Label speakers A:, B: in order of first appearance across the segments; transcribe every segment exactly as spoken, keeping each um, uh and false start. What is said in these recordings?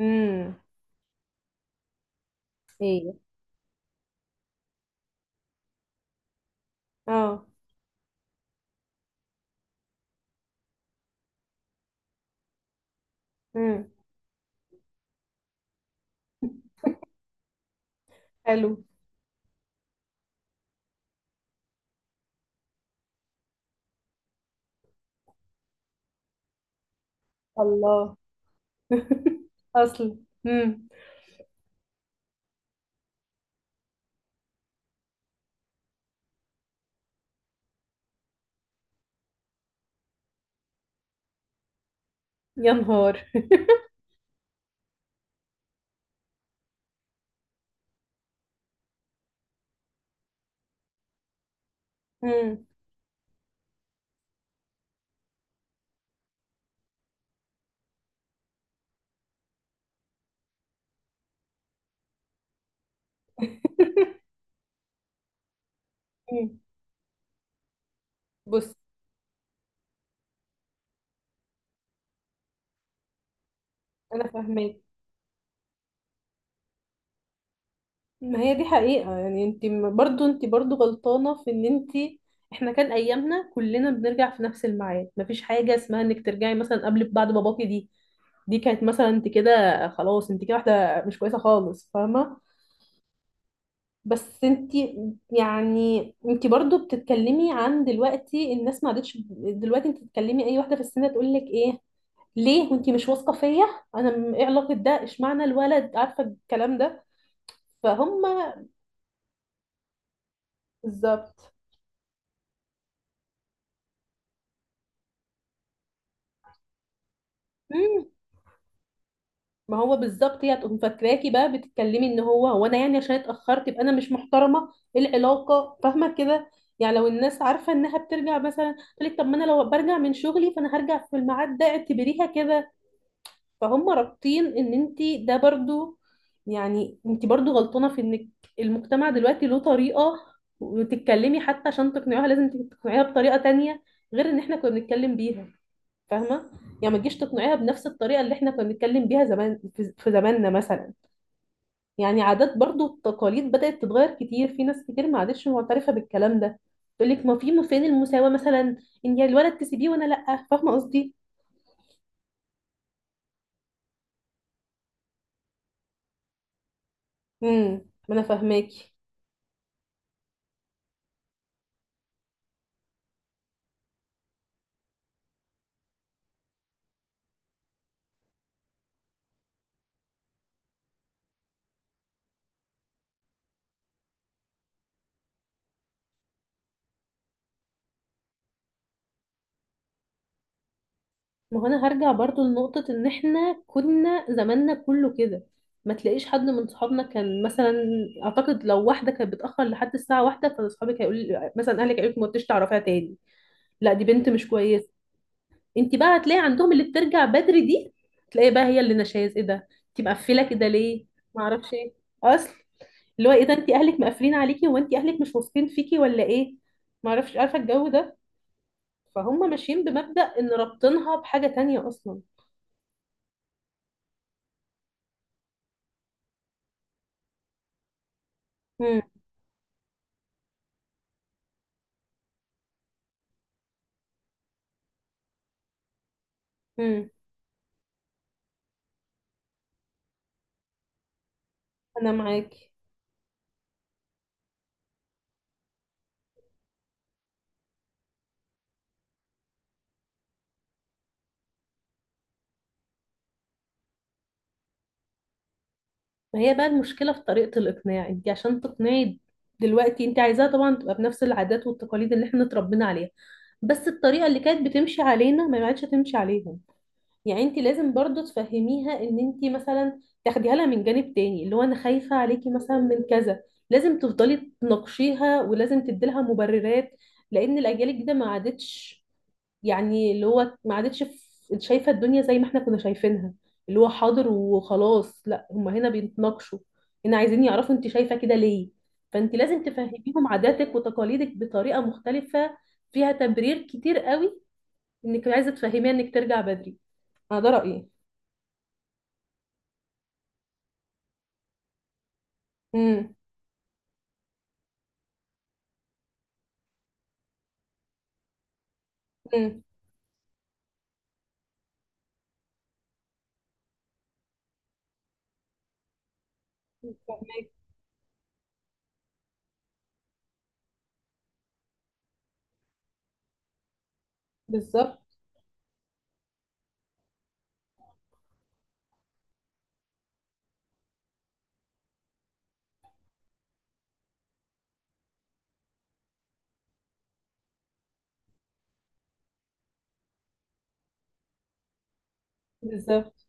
A: امم ايه اه امم حلو الله اصل امم يا نهار. امم مم. بص، انا فاهماك. ما هي دي حقيقة. يعني انت م- برضو انت برضو غلطانة في ان انت. احنا كان ايامنا كلنا بنرجع في نفس الميعاد، مفيش حاجة اسمها انك ترجعي مثلا قبل بعد باباكي دي. دي كانت مثلا، انت كده خلاص، انت كده واحدة مش كويسة خالص، فاهمة؟ بس انتي، يعني انتي برضو بتتكلمي عن دلوقتي. الناس ما عادتش. دلوقتي انتي بتتكلمي اي واحده في السن تقول لك ايه؟ ليه وانتي مش واثقه فيا؟ انا م- ايه علاقه ده؟ اشمعنى الولد عارفه الكلام ده؟ فهم. بالظبط. مم. ما هو بالظبط، هي هتقوم فاكراكي بقى بتتكلمي ان هو هو انا، يعني عشان اتاخرت يبقى انا مش محترمه. ايه العلاقه؟ فاهمه كده؟ يعني لو الناس عارفه انها بترجع مثلا، تقول لك طب ما انا لو برجع من شغلي فانا هرجع في الميعاد ده، اعتبريها كده. فهم رابطين ان انت. ده برضو، يعني انت برضو غلطانه في انك. المجتمع دلوقتي له طريقه، وتتكلمي حتى. عشان تقنعيها لازم تقنعيها بطريقه تانية غير ان احنا كنا بنتكلم بيها، فاهمه؟ يعني ما تجيش تقنعيها بنفس الطريقه اللي احنا كنا بنتكلم بيها زمان في في زماننا مثلا. يعني عادات برضو، التقاليد بدات تتغير كتير، في ناس كتير ما عادتش معترفه بالكلام ده. تقول لك ما في ما فين المساواه مثلا، ان يا الولد تسيبيه وانا لا، فاهمه قصدي؟ امم. ما انا فاهماكي. ما هو انا هرجع برضو لنقطة ان احنا كنا زماننا كله كده، ما تلاقيش حد من صحابنا كان مثلا. اعتقد لو واحدة كانت بتأخر لحد الساعة واحدة، فاصحابك هيقول مثلا، اهلك هيقولك ما تقدريش تعرفيها تاني، لا دي بنت مش كويسة. انت بقى هتلاقي عندهم اللي بترجع بدري دي، تلاقي بقى هي اللي نشاز. ايه ده؟ انت مقفلة كده ليه؟ ما اعرفش ايه. اصل. اللي هو ايه ده؟ انت اهلك مقفلين عليكي؟ هو انت اهلك مش واثقين فيكي ولا ايه؟ ما اعرفش. عارفة الجو ده؟ فهم ماشيين بمبدأ ان رابطينها بحاجة تانية اصلا. امم. انا معاكي. ما هي بقى المشكله في طريقه الاقناع. انت عشان تقنعي دلوقتي، انت عايزاها طبعا تبقى بنفس العادات والتقاليد اللي احنا اتربينا عليها، بس الطريقه اللي كانت بتمشي علينا ما عادش تمشي عليهم. يعني انت لازم برضو تفهميها، ان انت مثلا تاخديها لها من جانب تاني اللي هو انا خايفه عليكي مثلا من كذا. لازم تفضلي تناقشيها، ولازم تدي لها مبررات، لان الاجيال الجديده ما عادتش، يعني اللي هو ما عادتش في- شايفة الدنيا زي ما احنا كنا شايفينها، اللي هو حاضر وخلاص. لا هما هنا بيتناقشوا، هنا عايزين يعرفوا انت شايفة كده ليه. فانت لازم تفهميهم عاداتك وتقاليدك بطريقة مختلفة فيها تبرير كتير قوي، انك عايزة تفهميها انك ترجع بدري. انا ده رأيي. امم. امم. بالظبط. بالظبط،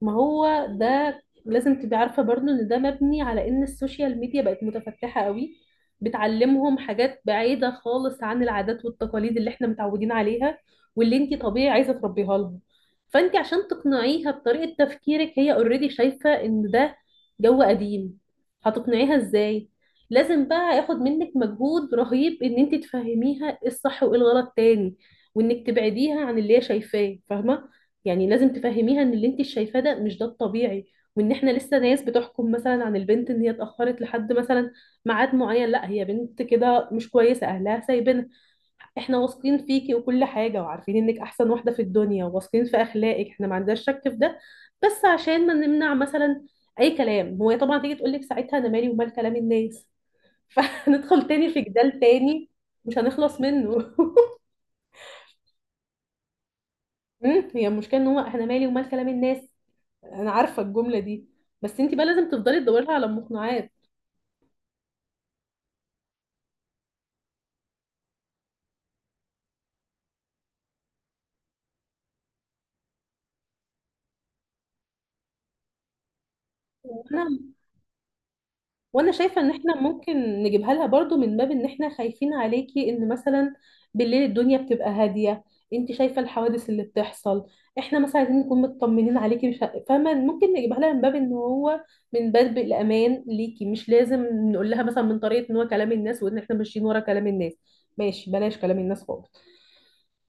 A: ما هو ده لازم تبقي عارفة برضو ان ده مبني على ان السوشيال ميديا بقت متفتحة قوي، بتعلمهم حاجات بعيدة خالص عن العادات والتقاليد اللي احنا متعودين عليها واللي انتي طبيعي عايزة تربيها لهم. فانتي عشان تقنعيها بطريقة تفكيرك، هي اوريدي شايفة ان ده جو قديم، هتقنعيها ازاي؟ لازم بقى ياخد منك مجهود رهيب، ان انتي تفهميها ايه الصح وايه الغلط تاني، وانك تبعديها عن اللي هي شايفاه، فاهمة؟ يعني لازم تفهميها ان اللي انت شايفاه ده مش ده الطبيعي، وان احنا لسه ناس بتحكم مثلا عن البنت ان هي اتاخرت لحد مثلا ميعاد معين، لا هي بنت كده مش كويسه اهلها سايبينها. احنا واثقين فيكي وكل حاجه، وعارفين انك احسن واحده في الدنيا، وواثقين في اخلاقك، احنا ما عندناش شك في ده، بس عشان ما نمنع مثلا اي كلام. هو طبعا تيجي تقول لك ساعتها انا مالي ومال كلام الناس. فهندخل تاني في جدال تاني مش هنخلص منه. مم، هي المشكله ان هو احنا مالي ومال كلام الناس. انا عارفه الجمله دي، بس انت بقى لازم تفضلي تدوري لها على مقنعات. وانا وانا شايفه ان احنا ممكن نجيبها لها برضو من باب ان احنا خايفين عليكي، ان مثلا بالليل الدنيا بتبقى هاديه، انت شايفه الحوادث اللي بتحصل. احنا مثلا عايزين نكون مطمنين عليكي، مش ه- فاهمه؟ ممكن نجيبها لها من باب ان هو، من باب الامان ليكي، مش لازم نقول لها مثلا من طريقه ان هو كلام الناس وان احنا ماشيين ورا كلام الناس. ماشي، بلاش كلام الناس خالص،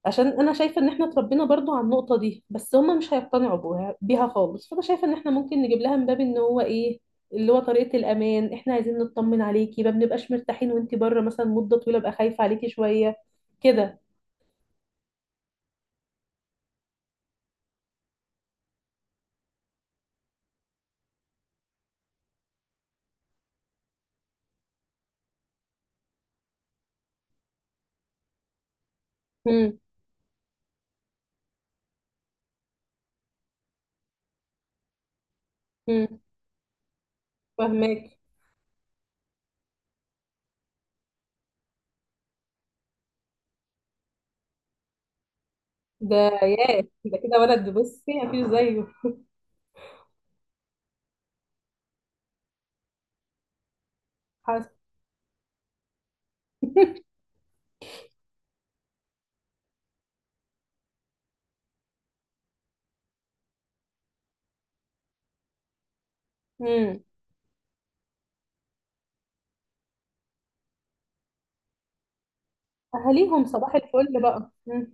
A: عشان انا شايفه ان احنا اتربينا برضو على النقطه دي، بس هم مش هيقتنعوا بوها- بيها خالص. فانا شايفه ان احنا ممكن نجيب لها من باب ان هو ايه، اللي هو طريقه الامان، احنا عايزين نطمن عليكي، ما بنبقاش مرتاحين وانتي بره مثلا مده طويله، بقى خايفه عليكي شويه كده. امم. امم. فاهمك. ده ياه، ده كده ولد بصي مفيش زيه. حصل. امم. اهاليهم صباح الفل بقى. امم.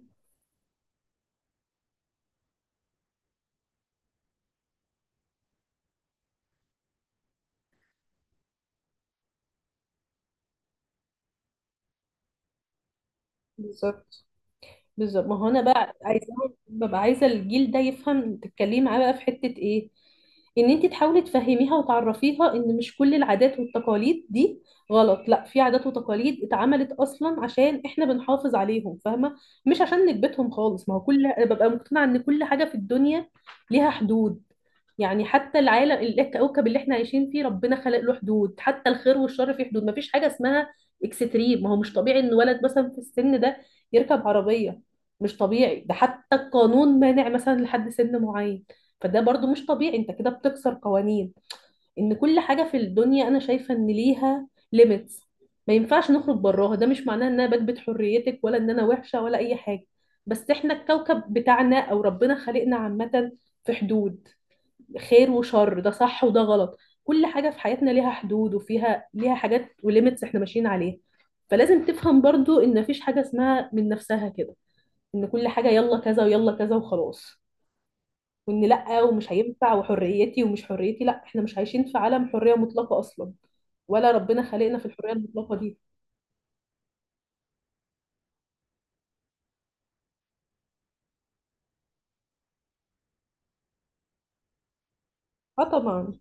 A: بالظبط. بالظبط، ما هو انا بقى عايزه، ببقى عايزه الجيل ده يفهم، تتكلمي معاه بقى في حته ايه، ان انت تحاولي تفهميها وتعرفيها ان مش كل العادات والتقاليد دي غلط. لا، في عادات وتقاليد اتعملت اصلا عشان احنا بنحافظ عليهم، فاهمه؟ مش عشان نكبتهم خالص. ما هو كل ببقى مقتنعه ان كل حاجه في الدنيا ليها حدود. يعني حتى العالم، الكوكب اللي احنا عايشين فيه، ربنا خلق له حدود، حتى الخير والشر في حدود. ما فيش حاجه اسمها اكستريم. ما هو مش طبيعي ان ولد مثلا في السن ده يركب عربيه. مش طبيعي، ده حتى القانون مانع مثلا لحد سن معين. فده برضو مش طبيعي، انت كده بتكسر قوانين. ان كل حاجة في الدنيا انا شايفة ان ليها ليميتس، ما ينفعش نخرج براها. ده مش معناه ان انا بكبت حريتك، ولا ان انا وحشة، ولا اي حاجة. بس احنا الكوكب بتاعنا او ربنا خلقنا عامة في حدود، خير وشر، ده صح وده غلط. كل حاجة في حياتنا ليها حدود، وفيها ليها حاجات وليميتس احنا ماشيين عليها. فلازم تفهم برضو ان مفيش حاجة اسمها من نفسها كده، ان كل حاجه يلا كذا ويلا كذا وخلاص، وان لا ومش هينفع وحريتي ومش حريتي. لا احنا مش عايشين في عالم حريه مطلقه اصلا، ولا ربنا خلقنا في الحريه المطلقه دي. اه طبعا.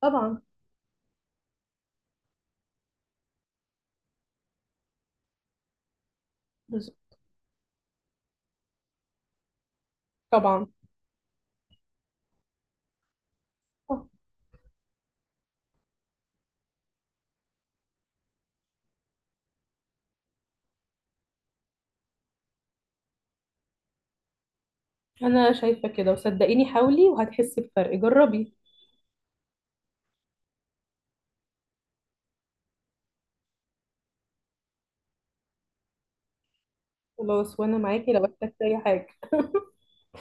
A: طبعا. بالظبط. طبعا. آه. انا شايفه كده، وصدقيني حاولي وهتحسي بفرق، جربي. خلاص، وانا معاكي لو احتجتي اي حاجه.